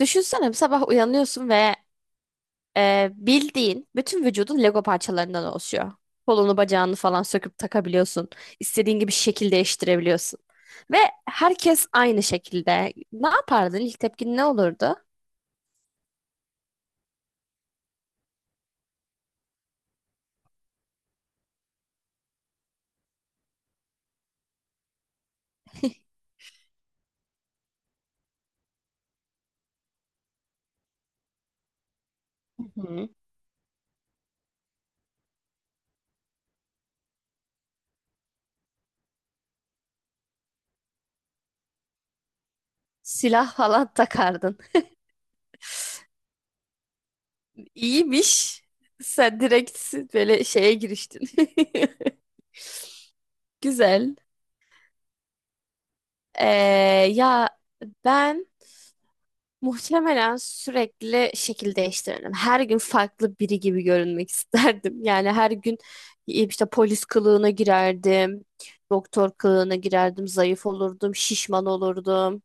Düşünsene sabah uyanıyorsun ve bildiğin bütün vücudun Lego parçalarından oluşuyor. Kolunu bacağını falan söküp takabiliyorsun. İstediğin gibi şekil değiştirebiliyorsun. Ve herkes aynı şekilde. Ne yapardın? İlk tepkin ne olurdu? Silah falan takardın. İyiymiş. Sen direkt böyle şeye giriştin. Güzel. Ee, ya ben muhtemelen sürekli şekil değiştirirdim. Her gün farklı biri gibi görünmek isterdim. Yani her gün işte polis kılığına girerdim, doktor kılığına girerdim, zayıf olurdum, şişman olurdum.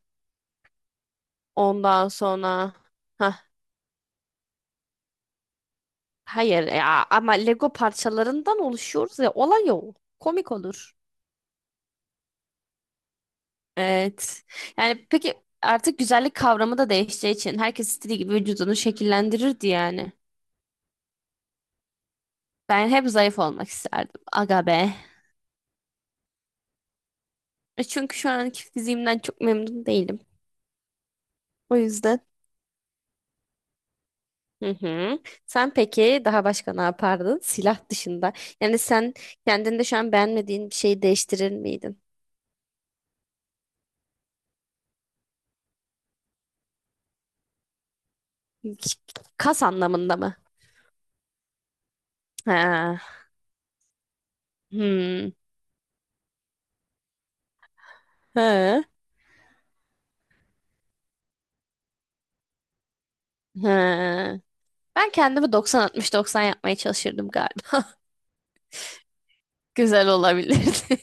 Ondan sonra Hah, hayır ya ama Lego parçalarından oluşuyoruz ya olay o. Komik olur. Evet. Yani peki artık güzellik kavramı da değişeceği için herkes istediği gibi vücudunu şekillendirirdi yani. Ben hep zayıf olmak isterdim. Aga be. E çünkü şu anki fiziğimden çok memnun değilim. O yüzden. Hı hı. Sen peki daha başka ne yapardın? Silah dışında. Yani sen kendinde şu an beğenmediğin bir şeyi değiştirir miydin? Kas anlamında mı? Ha. Hmm. He. He. Ben kendimi 90-60-90 yapmaya çalışırdım galiba. Güzel olabilirdi.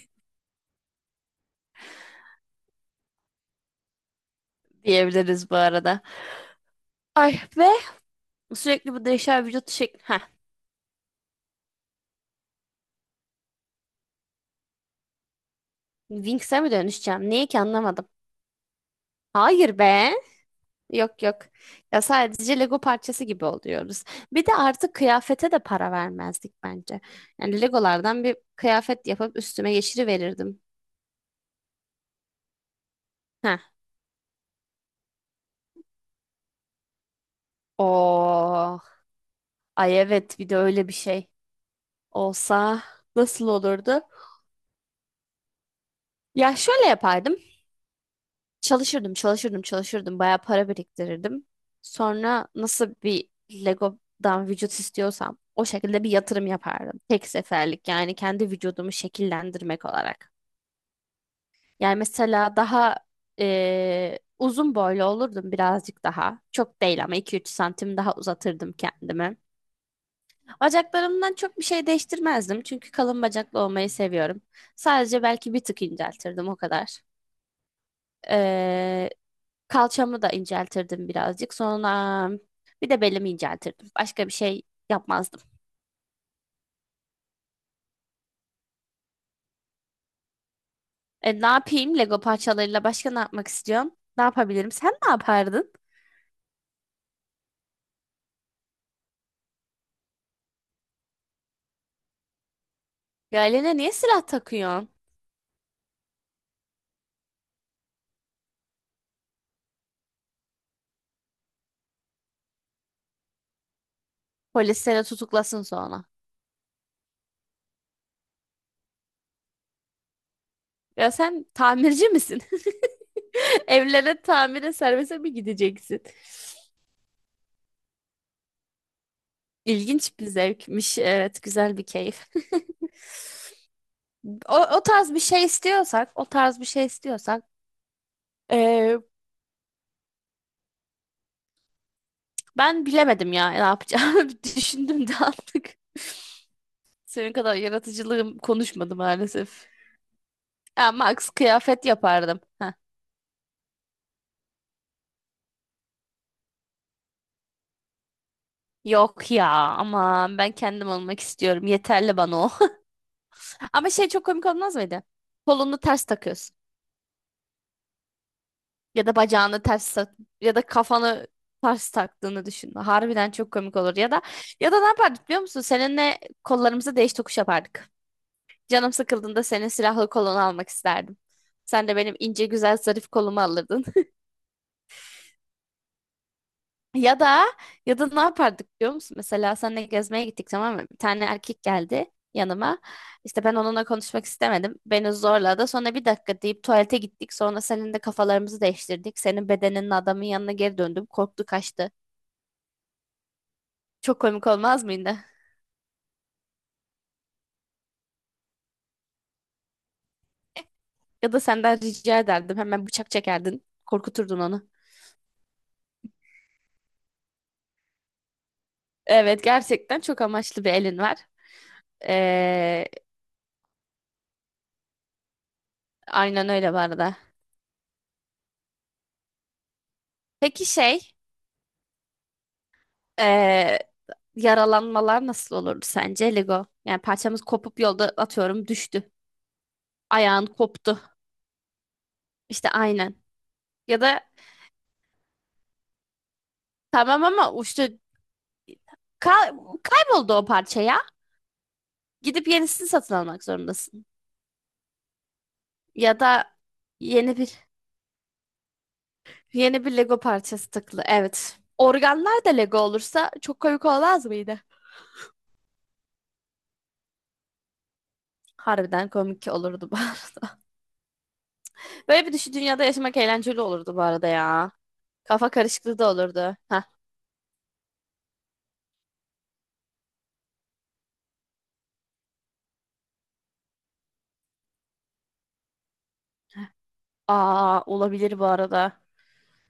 Diyebiliriz bu arada. Ay ve sürekli bu değişen vücut şekli. Heh, Winx'e mi dönüşeceğim? Niye ki anlamadım. Hayır be. Yok yok. Ya sadece Lego parçası gibi oluyoruz. Bir de artık kıyafete de para vermezdik bence. Yani Legolardan bir kıyafet yapıp üstüme geçiriverirdim. Heh. Oh. Ay evet bir de öyle bir şey olsa nasıl olurdu? Ya şöyle yapardım. Çalışırdım, çalışırdım, çalışırdım. Bayağı para biriktirirdim. Sonra nasıl bir Lego'dan vücut istiyorsam o şekilde bir yatırım yapardım. Tek seferlik yani kendi vücudumu şekillendirmek olarak. Yani mesela daha uzun boylu olurdum birazcık daha. Çok değil ama 2-3 santim daha uzatırdım kendimi. Bacaklarımdan çok bir şey değiştirmezdim. Çünkü kalın bacaklı olmayı seviyorum. Sadece belki bir tık inceltirdim o kadar. Kalçamı da inceltirdim birazcık. Sonra bir de belimi inceltirdim. Başka bir şey yapmazdım. E, ne yapayım? Lego parçalarıyla başka ne yapmak istiyorum? Ne yapabilirim? Sen ne yapardın? Ya eline niye silah takıyorsun? Polis seni tutuklasın sonra. Ya sen tamirci misin? Evlere tamire servise mi gideceksin? İlginç bir zevkmiş. Evet, güzel bir keyif. O, o tarz bir şey istiyorsak, o tarz bir şey istiyorsak, e, ben bilemedim ya ne yapacağımı. Düşündüm de artık. Senin kadar yaratıcılığım konuşmadı maalesef. Ya Max kıyafet yapardım. Heh. Yok ya aman ben kendim olmak istiyorum. Yeterli bana o. Ama şey çok komik olmaz mıydı? Kolunu ters takıyorsun. Ya da bacağını ters tak ya da kafanı ters taktığını düşün. Harbiden çok komik olur. Ya da ya da ne yapardık biliyor musun? Seninle kollarımızı değiş tokuş yapardık. Canım sıkıldığında senin silahlı kolunu almak isterdim. Sen de benim ince güzel zarif kolumu alırdın. Ya da ya da ne yapardık biliyor musun? Mesela seninle gezmeye gittik, tamam mı? Bir tane erkek geldi yanıma. İşte ben onunla konuşmak istemedim. Beni zorladı. Sonra bir dakika deyip tuvalete gittik. Sonra senin de kafalarımızı değiştirdik. Senin bedeninin adamın yanına geri döndüm. Korktu kaçtı. Çok komik olmaz mıydı? Ya da senden rica ederdim. Hemen bıçak çekerdin. Korkuturdun onu. Evet gerçekten çok amaçlı bir elin var. Ee, Aynen öyle bu arada. Peki şey, eee, yaralanmalar nasıl olurdu sence Lego? Yani parçamız kopup yolda atıyorum düştü. Ayağın koptu. İşte aynen. Ya da tamam ama işte kay- kayboldu o parça ya. Gidip yenisini satın almak zorundasın. Ya da yeni bir yeni bir Lego parçası takılı. Evet. Organlar da Lego olursa çok komik olmaz mıydı? Harbiden komik olurdu bu arada. Böyle bir düşü dünyada yaşamak eğlenceli olurdu bu arada ya. Kafa karışıklığı da olurdu. Heh. Aa olabilir bu arada.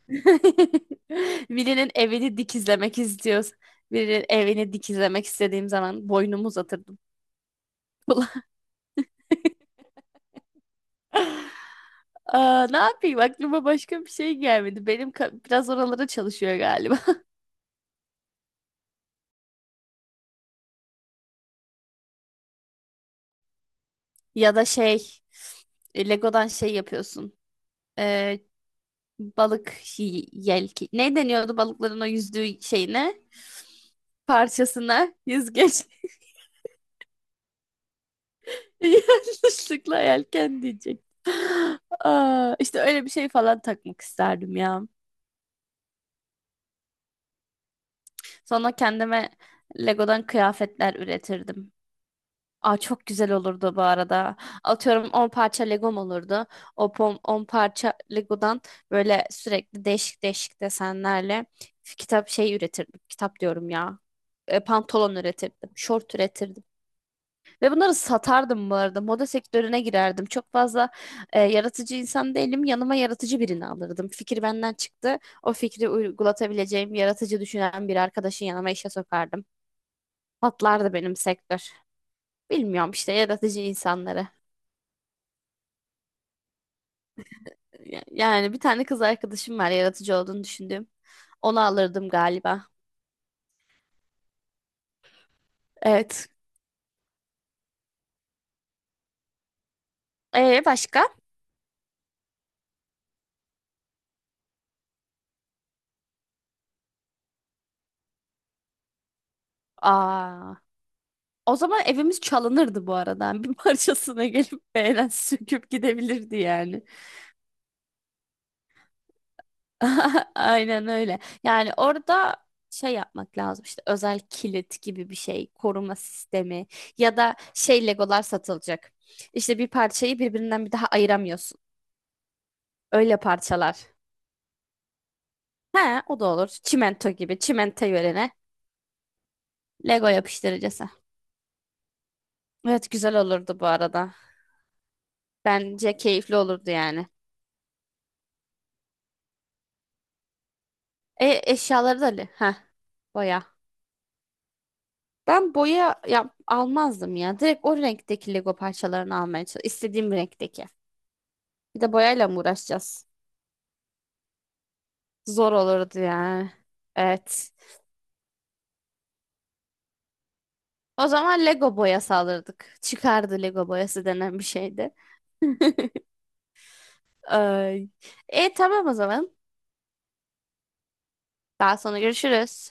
Birinin evini dikizlemek istiyoruz. Birinin evini dikizlemek istediğim zaman boynumu uzatırdım. Aa, ne yapayım aklıma başka bir şey gelmedi. Biraz oralara çalışıyor galiba. Ya da şey Lego'dan şey yapıyorsun. Ee, balık yelki. Ne deniyordu balıkların o yüzdüğü şeyine? Parçasına yüzgeç. Yanlışlıkla yelken diyecek. Aa, işte öyle bir şey falan takmak isterdim ya. Sonra kendime Lego'dan kıyafetler üretirdim. Aa, çok güzel olurdu bu arada. Atıyorum 10 parça Legom olurdu. O 10 parça Lego'dan böyle sürekli değişik değişik desenlerle kitap şey üretirdim. Kitap diyorum ya. E, pantolon üretirdim. Şort üretirdim. Ve bunları satardım bu arada. Moda sektörüne girerdim. Çok fazla yaratıcı insan değilim. Yanıma yaratıcı birini alırdım. Fikir benden çıktı. O fikri uygulatabileceğim, yaratıcı düşünen bir arkadaşın yanıma işe sokardım. Patlardı benim sektör. Bilmiyorum işte yaratıcı insanları. Yani bir tane kız arkadaşım var yaratıcı olduğunu düşündüğüm. Onu alırdım galiba. Evet. Başka? Aa. O zaman evimiz çalınırdı bu arada. Bir parçasına gelip beğenen söküp gidebilirdi yani. Aynen öyle. Yani orada şey yapmak lazım işte özel kilit gibi bir şey, koruma sistemi ya da şey Legolar satılacak. İşte bir parçayı birbirinden bir daha ayıramıyorsun. Öyle parçalar. He, o da olur. Çimento gibi, çimento yerine Lego yapıştırıcısı. Evet güzel olurdu bu arada. Bence keyifli olurdu yani. E eşyaları da li- heh, boya. Ben boya yap almazdım ya. Direkt o renkteki Lego parçalarını almaya çalışıyorum. İstediğim renkteki. Bir de boyayla mı uğraşacağız? Zor olurdu yani. Evet. O zaman Lego boyası alırdık. Çıkardı Lego boyası denen bir şeydi. Ay. E tamam o zaman. Daha sonra görüşürüz.